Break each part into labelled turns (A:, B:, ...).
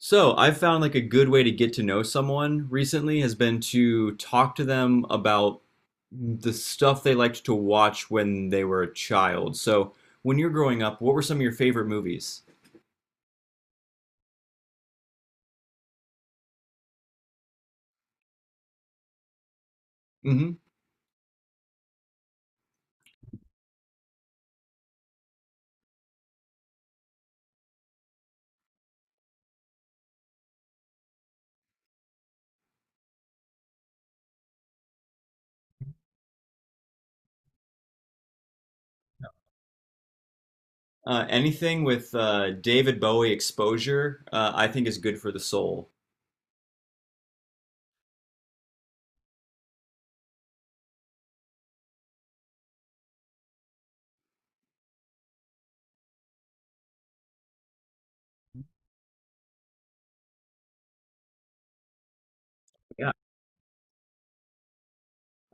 A: So, I've found like a good way to get to know someone recently has been to talk to them about the stuff they liked to watch when they were a child. So, when you're growing up, what were some of your favorite movies? Hmm. Anything with David Bowie exposure, I think is good for the soul. Yeah.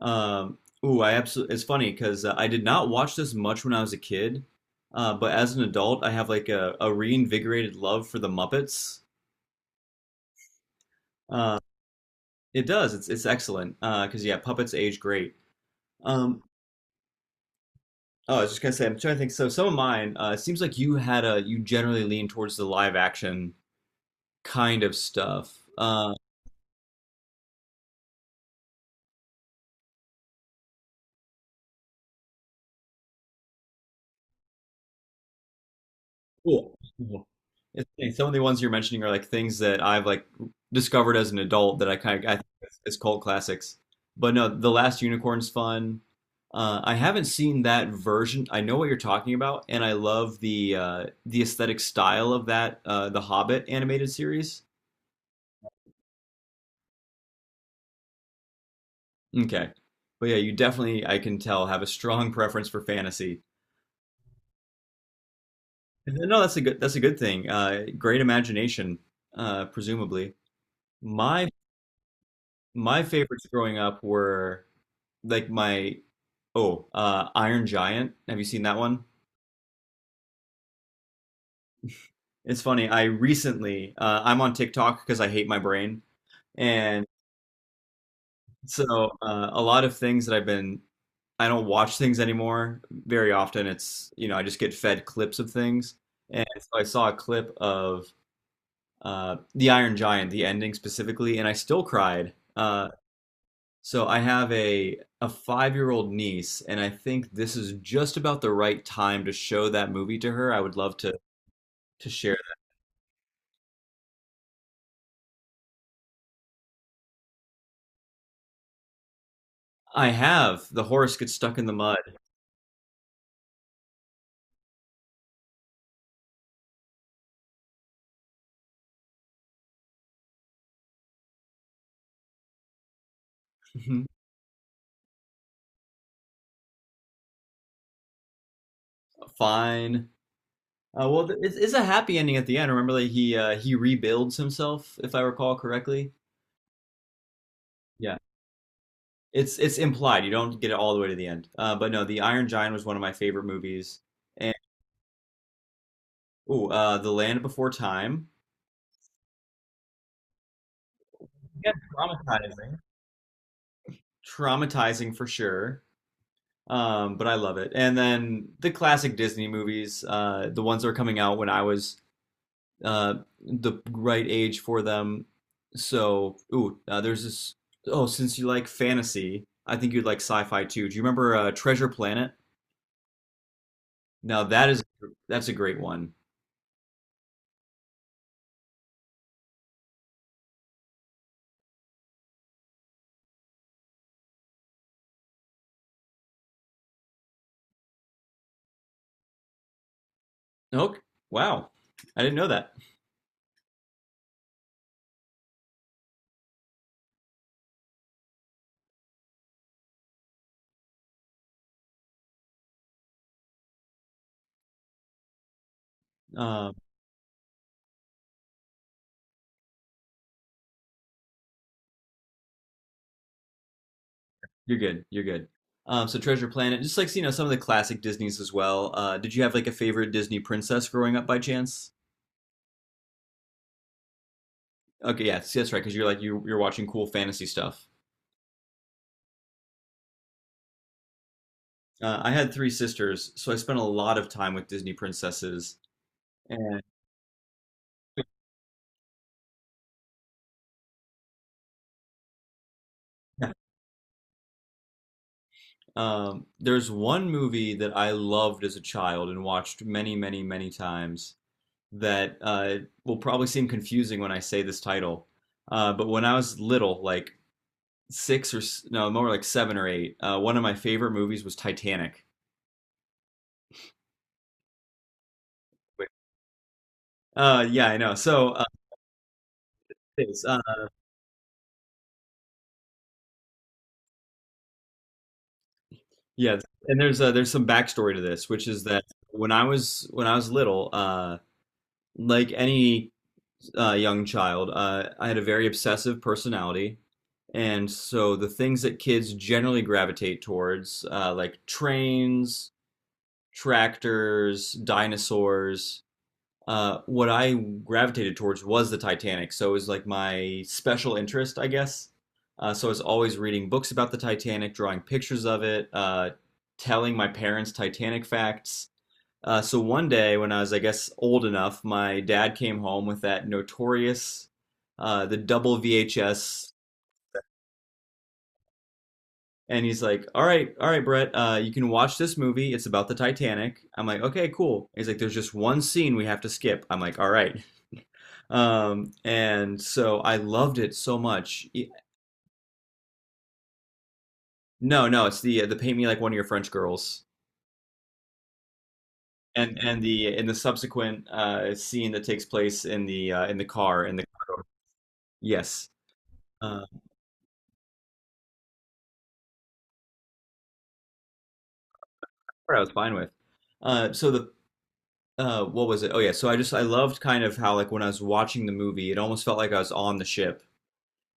A: Um, ooh, I absolutely. It's funny because I did not watch this much when I was a kid, but as an adult, I have like a reinvigorated love for the Muppets. Uh, It does. It's excellent. Because yeah, puppets age great. Um, oh, I was just gonna say, I'm trying to think. So some of mine, it seems like you had a you generally lean towards the live action kind of stuff. Cool. Cool. It's funny, some of the ones you're mentioning are like things that I've like discovered as an adult that I kind of I think is cult classics. But no, The Last Unicorn's fun. I haven't seen that version. I know what you're talking about, and I love the aesthetic style of that the Hobbit animated series. Okay. But yeah, you definitely, I can tell, have a strong preference for fantasy. And then no, that's a good thing. Great imagination, presumably. My my favorites growing up were like my oh, Iron Giant. Have you seen that one? It's funny. I recently I'm on TikTok because I hate my brain, and so a lot of things that I've been I don't watch things anymore very often. It's you know I just get fed clips of things, and so I saw a clip of The Iron Giant, the ending specifically, and I still cried. So I have a five-year-old niece, and I think this is just about the right time to show that movie to her. I would love to share. That. I have the horse gets stuck in the mud. Fine. It's a happy ending at the end. Remember that he rebuilds himself, if I recall correctly. Yeah, it's implied. You don't get it all the way to the end. But no, The Iron Giant was one of my favorite movies, and oh, The Land Before Time. Yeah, traumatizing. Traumatizing for sure. But I love it. And then the classic Disney movies, the ones that were coming out when I was uh, the right age for them. So, ooh, there's this. Oh, since you like fantasy, I think you'd like sci-fi too. Do you remember Treasure Planet? Now that is that's a great one. Okay, wow, I didn't know that. Um, You're good. You're good. So Treasure Planet, just like you know, some of the classic Disney's as well. Did you have like a favorite Disney princess growing up by chance? Okay, yeah, see, that's right, because you're like you're watching cool fantasy stuff. I had three sisters, so I spent a lot of time with Disney princesses. And there's one movie that I loved as a child and watched many, many, many times that will probably seem confusing when I say this title. But when I was little, like no, more like seven or eight. One of my favorite movies was Titanic. Yeah, I know. It's, uh, yeah, and there's some backstory to this, which is that when I was little, like any young child, I had a very obsessive personality, and so the things that kids generally gravitate towards, like trains, tractors, dinosaurs, what I gravitated towards was the Titanic. So it was like my special interest, I guess. So I was always reading books about the Titanic, drawing pictures of it, telling my parents Titanic facts. So one day, when I was, I guess, old enough, my dad came home with that notorious, the double VHS, and he's like, all right, Brett, you can watch this movie. It's about the Titanic." I'm like, "Okay, cool." He's like, "There's just one scene we have to skip." I'm like, "All right." And so I loved it so much. E- no, no, it's the paint me like one of your French girls, and the in the subsequent scene that takes place in the in the car. Yes, uh, part I was fine with. So the What was it? Oh yeah, so I loved kind of how like when I was watching the movie, it almost felt like I was on the ship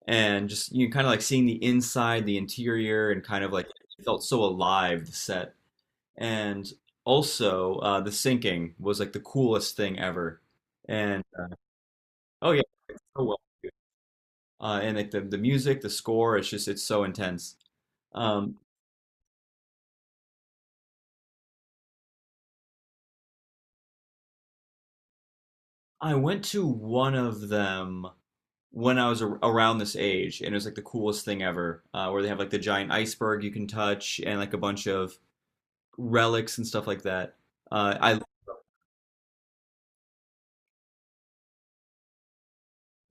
A: and just you know, kind of like seeing the inside, the interior, and kind of like it felt so alive, the set. And also, the sinking was like the coolest thing ever. And oh yeah, it's so well. Done. And like the music, the score, it's so intense. Um, I went to one of them when I was ar around this age, and it was like the coolest thing ever, where they have like the giant iceberg you can touch and like a bunch of relics and stuff like that. I like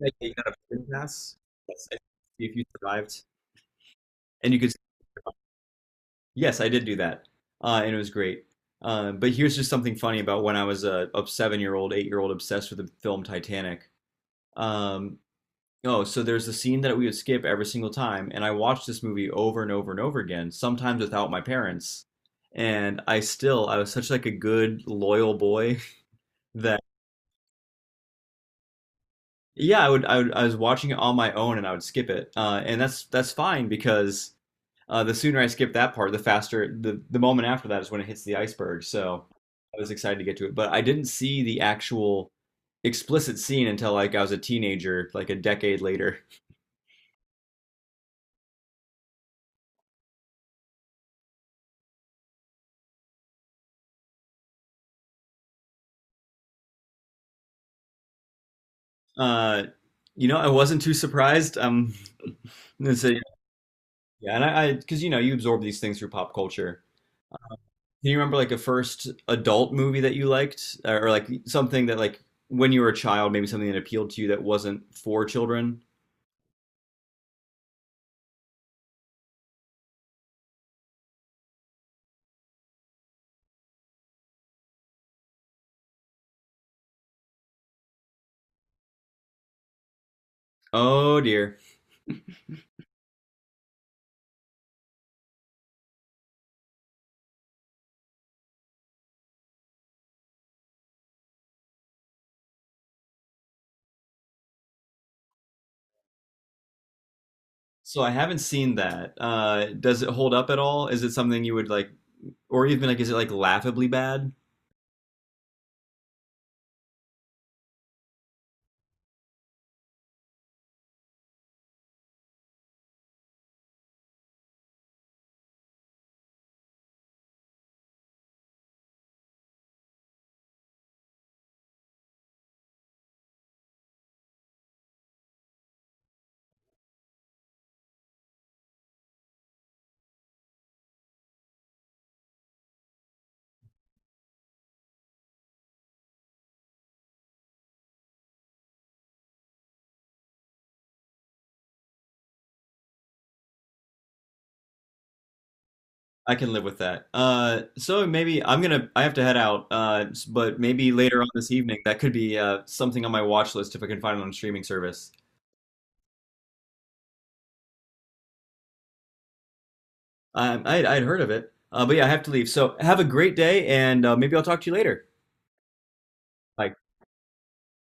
A: that you got a prison pass if you survived, and you could yes, I did do that, and it was great. But here's just something funny about when I was a seven-year-old, eight-year-old obsessed with the film Titanic. Um, oh, so there's a scene that we would skip every single time, and I watched this movie over and over and over again, sometimes without my parents. And I still, I was such like a good, loyal boy that yeah, I was watching it on my own, and I would skip it, and that's fine because. Uh, the sooner I skip that part, the faster the moment after that is when it hits the iceberg. So I was excited to get to it, but I didn't see the actual explicit scene until like I was a teenager, like a decade later. Uh, you know, I wasn't too surprised. It's a, yeah, and I because you know you absorb these things through pop culture. Do you remember like a first adult movie that you liked, or like something that like when you were a child, maybe something that appealed to you that wasn't for children? Oh dear. So I haven't seen that. Does it hold up at all? Is it something you would like, or even like, is it like laughably bad? I can live with that. I have to head out. But maybe later on this evening, that could be something on my watch list if I can find it on a streaming service. I'd heard of it. But yeah, I have to leave. So have a great day, and maybe I'll talk to you later. Bye.